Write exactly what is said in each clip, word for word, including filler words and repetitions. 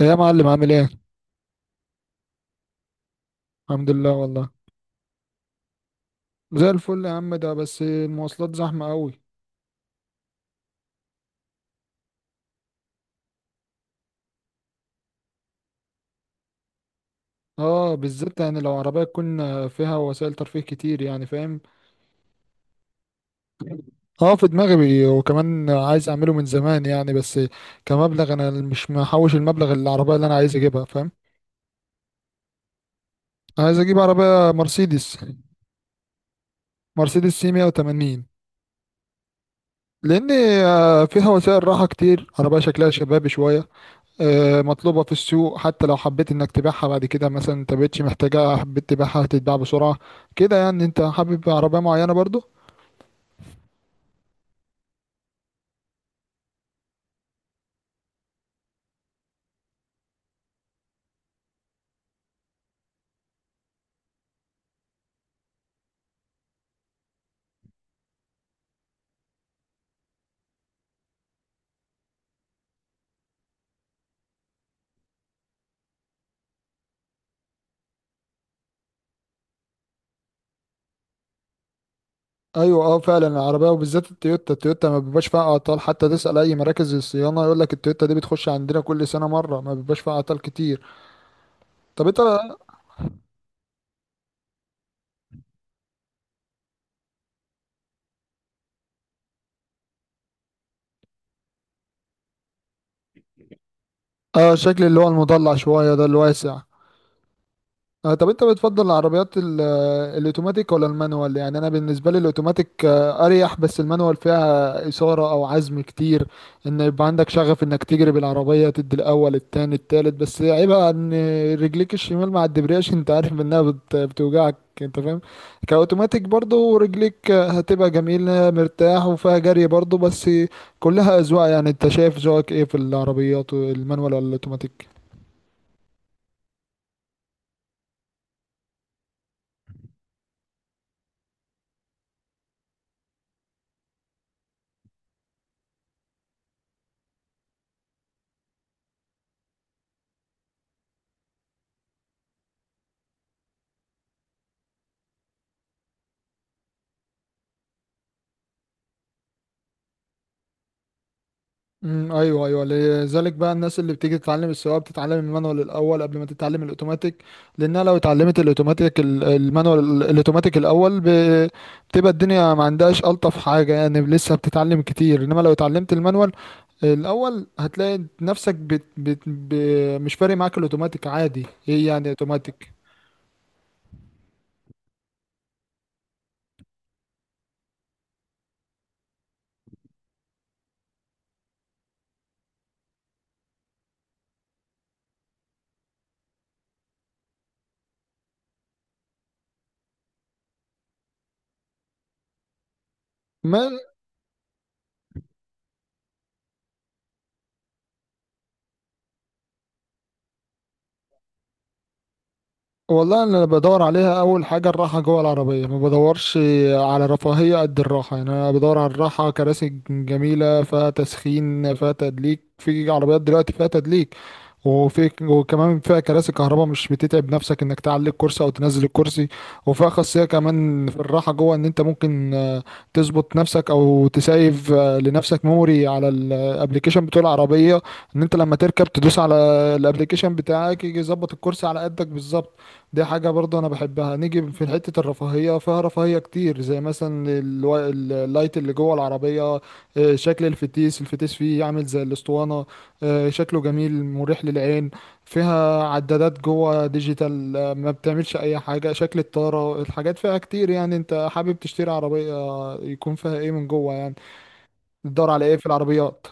إيه يا معلم، عامل ايه؟ الحمد لله والله. زي الفل يا عم، ده بس المواصلات زحمة قوي. اه، بالذات يعني لو عربية تكون فيها وسائل ترفيه كتير، يعني فاهم؟ اه، في دماغي، بي- وكمان عايز اعمله من زمان يعني بس. كمبلغ، انا مش محوش المبلغ اللي العربية اللي انا عايز اجيبها، فاهم؟ عايز اجيب عربية مرسيدس. مرسيدس سي مائة وثمانين. لان آه، فيها وسائل راحة كتير، عربية شكلها شبابي شوية. آه، مطلوبة في السوق، حتى لو حبيت انك تبيعها بعد كده مثلا انت مبقتش محتاجها حبيت تبيعها هتتباع بسرعة. كده يعني، انت حابب عربية معينة برضو؟ ايوه، اه فعلا، العربية وبالذات التويوتا التويوتا ما بيبقاش فيها اعطال، حتى تسأل اي مراكز الصيانة يقول لك التويوتا دي بتخش عندنا كل سنة مرة، ما بيبقاش فيها اعطال كتير. طب انت. اه، شكل اللي هو المضلع شوية ده الواسع. آه، طب انت بتفضل العربيات ال- الاوتوماتيك ولا المانوال؟ يعني انا بالنسبه لي الاوتوماتيك آه، اريح، بس المانوال فيها اثاره او عزم كتير، ان يبقى عندك شغف انك تجري بالعربيه تدي الاول التاني التالت، بس عيبها ان رجليك الشمال مع الدبرياج، انت عارف انها بت- بتوجعك، انت فاهم؟ كاوتوماتيك برضو رجليك آه، هتبقى جميله مرتاح وفيها جري برضو، بس كلها اذواق، يعني انت شايف ذوقك ايه في العربيات، المانوال ولا الاوتوماتيك؟ امم ايوه، ايوه، لذلك بقى الناس اللي بتيجي تتعلم السواقه بتتعلم المانوال الاول قبل ما تتعلم الاوتوماتيك. لانها لو اتعلمت الاوتوماتيك ال- المانوال ال- الاوتوماتيك الاول ب- بتبقى الدنيا ما عندهاش الطف حاجه، يعني لسه بتتعلم كتير، انما لو اتعلمت المانوال الاول هتلاقي نفسك بت بت ب- مش فارق معاك الاوتوماتيك عادي، ايه يعني اوتوماتيك. والله، انا بدور عليها اول حاجه الراحه جوه العربيه، ما بدورش على رفاهيه قد الراحه، يعني انا بدور على الراحه، كراسي جميله فيها تسخين، فيها تدليك، في عربيات دلوقتي فيها تدليك، وفي وكمان فيها كراسي كهرباء، مش بتتعب نفسك انك تعلي الكرسي او تنزل الكرسي. وفيها خاصية كمان في الراحة جوه، ان انت ممكن آه، تظبط نفسك او تسيف آه، لنفسك ميموري على الابليكيشن بتاع العربية، ان انت لما تركب تدوس على الابليكيشن بتاعك يجي يظبط الكرسي على قدك بالظبط. دي حاجة برضه انا بحبها، نيجي في حتة الرفاهية، فيها رفاهية كتير زي مثلا الوا- اللايت اللي جوه العربية، آه، شكل الفتيس الفتيس فيه عامل زي الاسطوانة، آه، شكله جميل مريح للعين، فيها عدادات جوه ديجيتال، آه، ما بتعملش اي حاجة شكل الطارة، الحاجات فيها كتير، يعني انت حابب تشتري عربية يكون فيها ايه من جوه يعني، تدور على ايه في العربيات؟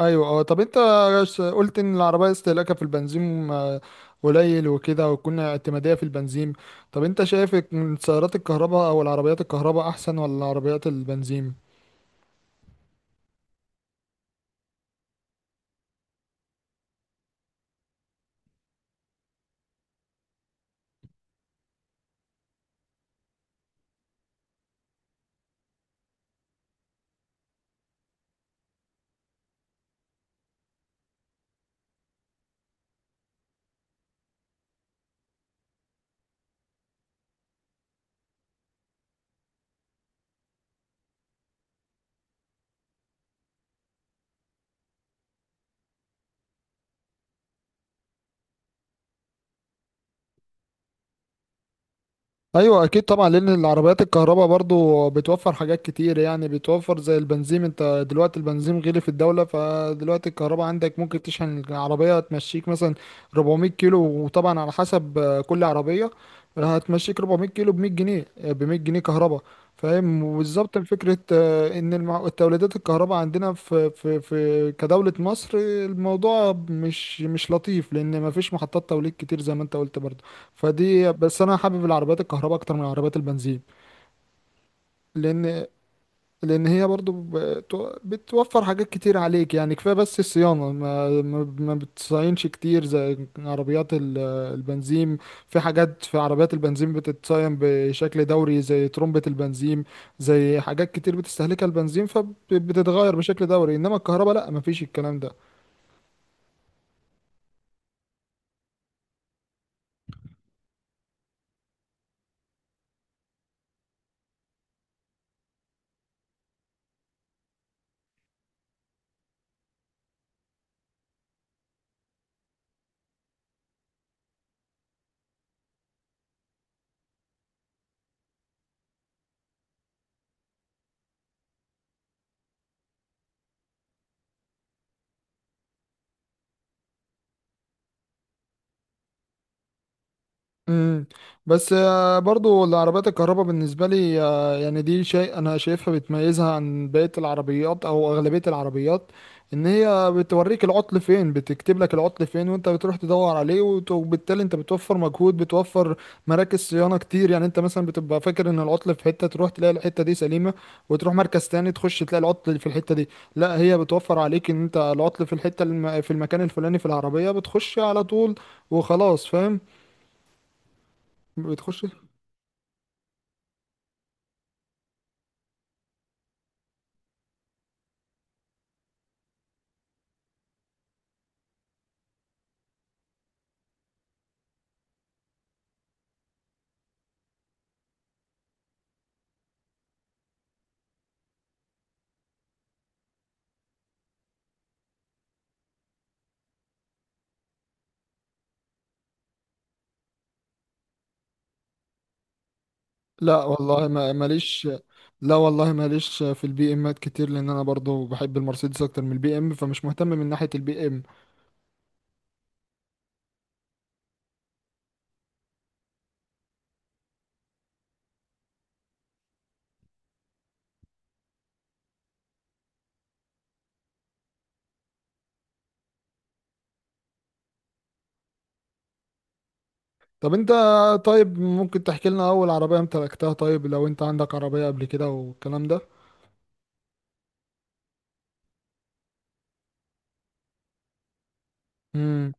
ايوه، اه، طب انت س- قلت ان العربية استهلاكها في البنزين آه، قليل وكده، وتكون اعتمادية في البنزين. طب انت شايف إن سيارات الكهرباء او العربيات الكهرباء احسن ولا عربيات البنزين؟ ايوه، اكيد طبعا، لان العربيات الكهرباء برضو بتوفر حاجات كتير، يعني بتوفر زي البنزين، انت دلوقتي البنزين غلي في الدوله، فدلوقتي الكهرباء عندك ممكن تشحن العربيه تمشيك مثلا أربعمائة كيلو، وطبعا على حسب آه، كل عربيه، هتمشيك أربعمية كيلو ب 100 جنيه ب بمية جنيه كهرباء، فاهم، وبالظبط فكره آه، ان المع- التوليدات الكهرباء عندنا في في في كدوله مصر، الموضوع مش مش لطيف، لان مفيش محطات توليد كتير زي ما انت قلت برضو. فدي، بس انا حابب العربيات الكهرباء اكتر من العربيات البنزين. لان لان هي برضو بتو- بتوفر حاجات كتير عليك، يعني كفايه بس الصيانه ما ما ما بتصينش كتير زي عربيات ال- البنزين. في حاجات في عربيات البنزين بتتصين بشكل دوري، زي ترمبة البنزين، زي حاجات كتير بتستهلكها البنزين، فبتتغير بشكل دوري، انما الكهرباء لا، ما فيش الكلام ده. امم بس آه، برضو العربيات الكهرباء بالنسبه لي، آه، يعني دي شيء انا شايفها بتميزها عن بقيه العربيات او اغلبيه العربيات، ان هي بتوريك العطل فين، بتكتب لك العطل فين وانت بتروح تدور عليه وت- وبالتالي انت بتوفر مجهود، بتوفر مراكز صيانه كتير، يعني انت مثلا بتبقى فاكر ان العطل في حته، تروح تلاقي الحته دي سليمه، وتروح مركز تاني تخش تلاقي العطل في الحته دي. لا، هي بتوفر عليك ان انت العطل في الحته الم... في المكان الفلاني في العربيه، بتخش على طول، وخلاص فاهم. بتخش. لا والله ما ماليش. لا والله ماليش في البي امات كتير، لان انا برضو بحب المرسيدس اكتر من البي ام، فمش مهتم من ناحية البي ام. طب انت، طيب ممكن تحكي لنا اول عربية امتلكتها، طيب لو انت عندك عربية قبل كده والكلام ده؟ امم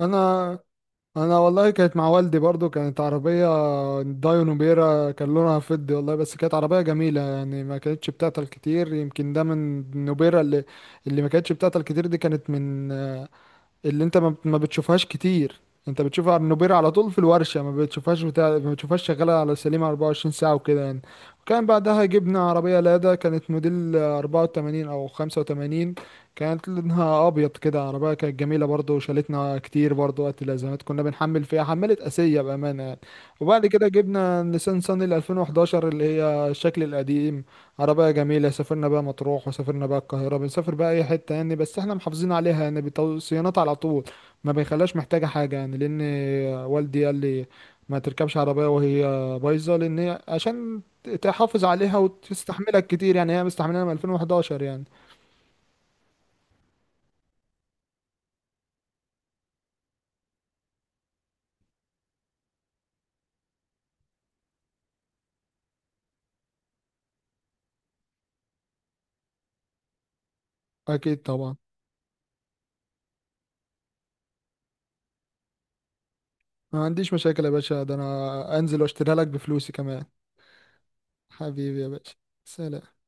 انا انا والله كانت مع والدي برضو، كانت عربية دايو نوبيرا، كان لونها فضي والله، بس كانت عربية جميلة يعني ما كانتش بتعطل كتير، يمكن ده من نوبيرا اللي اللي ما كانتش بتعطل كتير، دي كانت من اللي انت ما ما بتشوفهاش كتير، انت بتشوفها على النوبير على طول في الورشة، ما بتشوفهاش بتاع، ما بتشوفهاش شغالة على سليمة أربعة وعشرين ساعة وكده يعني. وكان بعدها جبنا عربية لادا كانت موديل أربعة وتمانين او خمسة وتمانين، كانت لونها ابيض كده، عربية كانت جميلة برضه، وشالتنا كتير برضه وقت الازمات، كنا بنحمل فيها حملت اسية بأمانة يعني. وبعد كده جبنا نيسان صني ال ألفين وحداشر اللي هي الشكل القديم، عربية جميلة، سافرنا بقى مطروح وسافرنا بقى القاهرة، بنسافر بقى أي حتة يعني، بس احنا محافظين عليها، يعني بتو- صيانات على طول، ما بيخلاش محتاجة حاجة يعني، لأن والدي قال لي ما تركبش عربية وهي بايظة، لأن هي عشان تحافظ عليها وتستحملك كتير، يعني هي مستحملها من ألفين وحداشر يعني. أكيد طبعا. ما عنديش مشاكل يا باشا، ده أنا أنزل وأشتريها لك بفلوسي كمان. حبيبي يا باشا. سلام.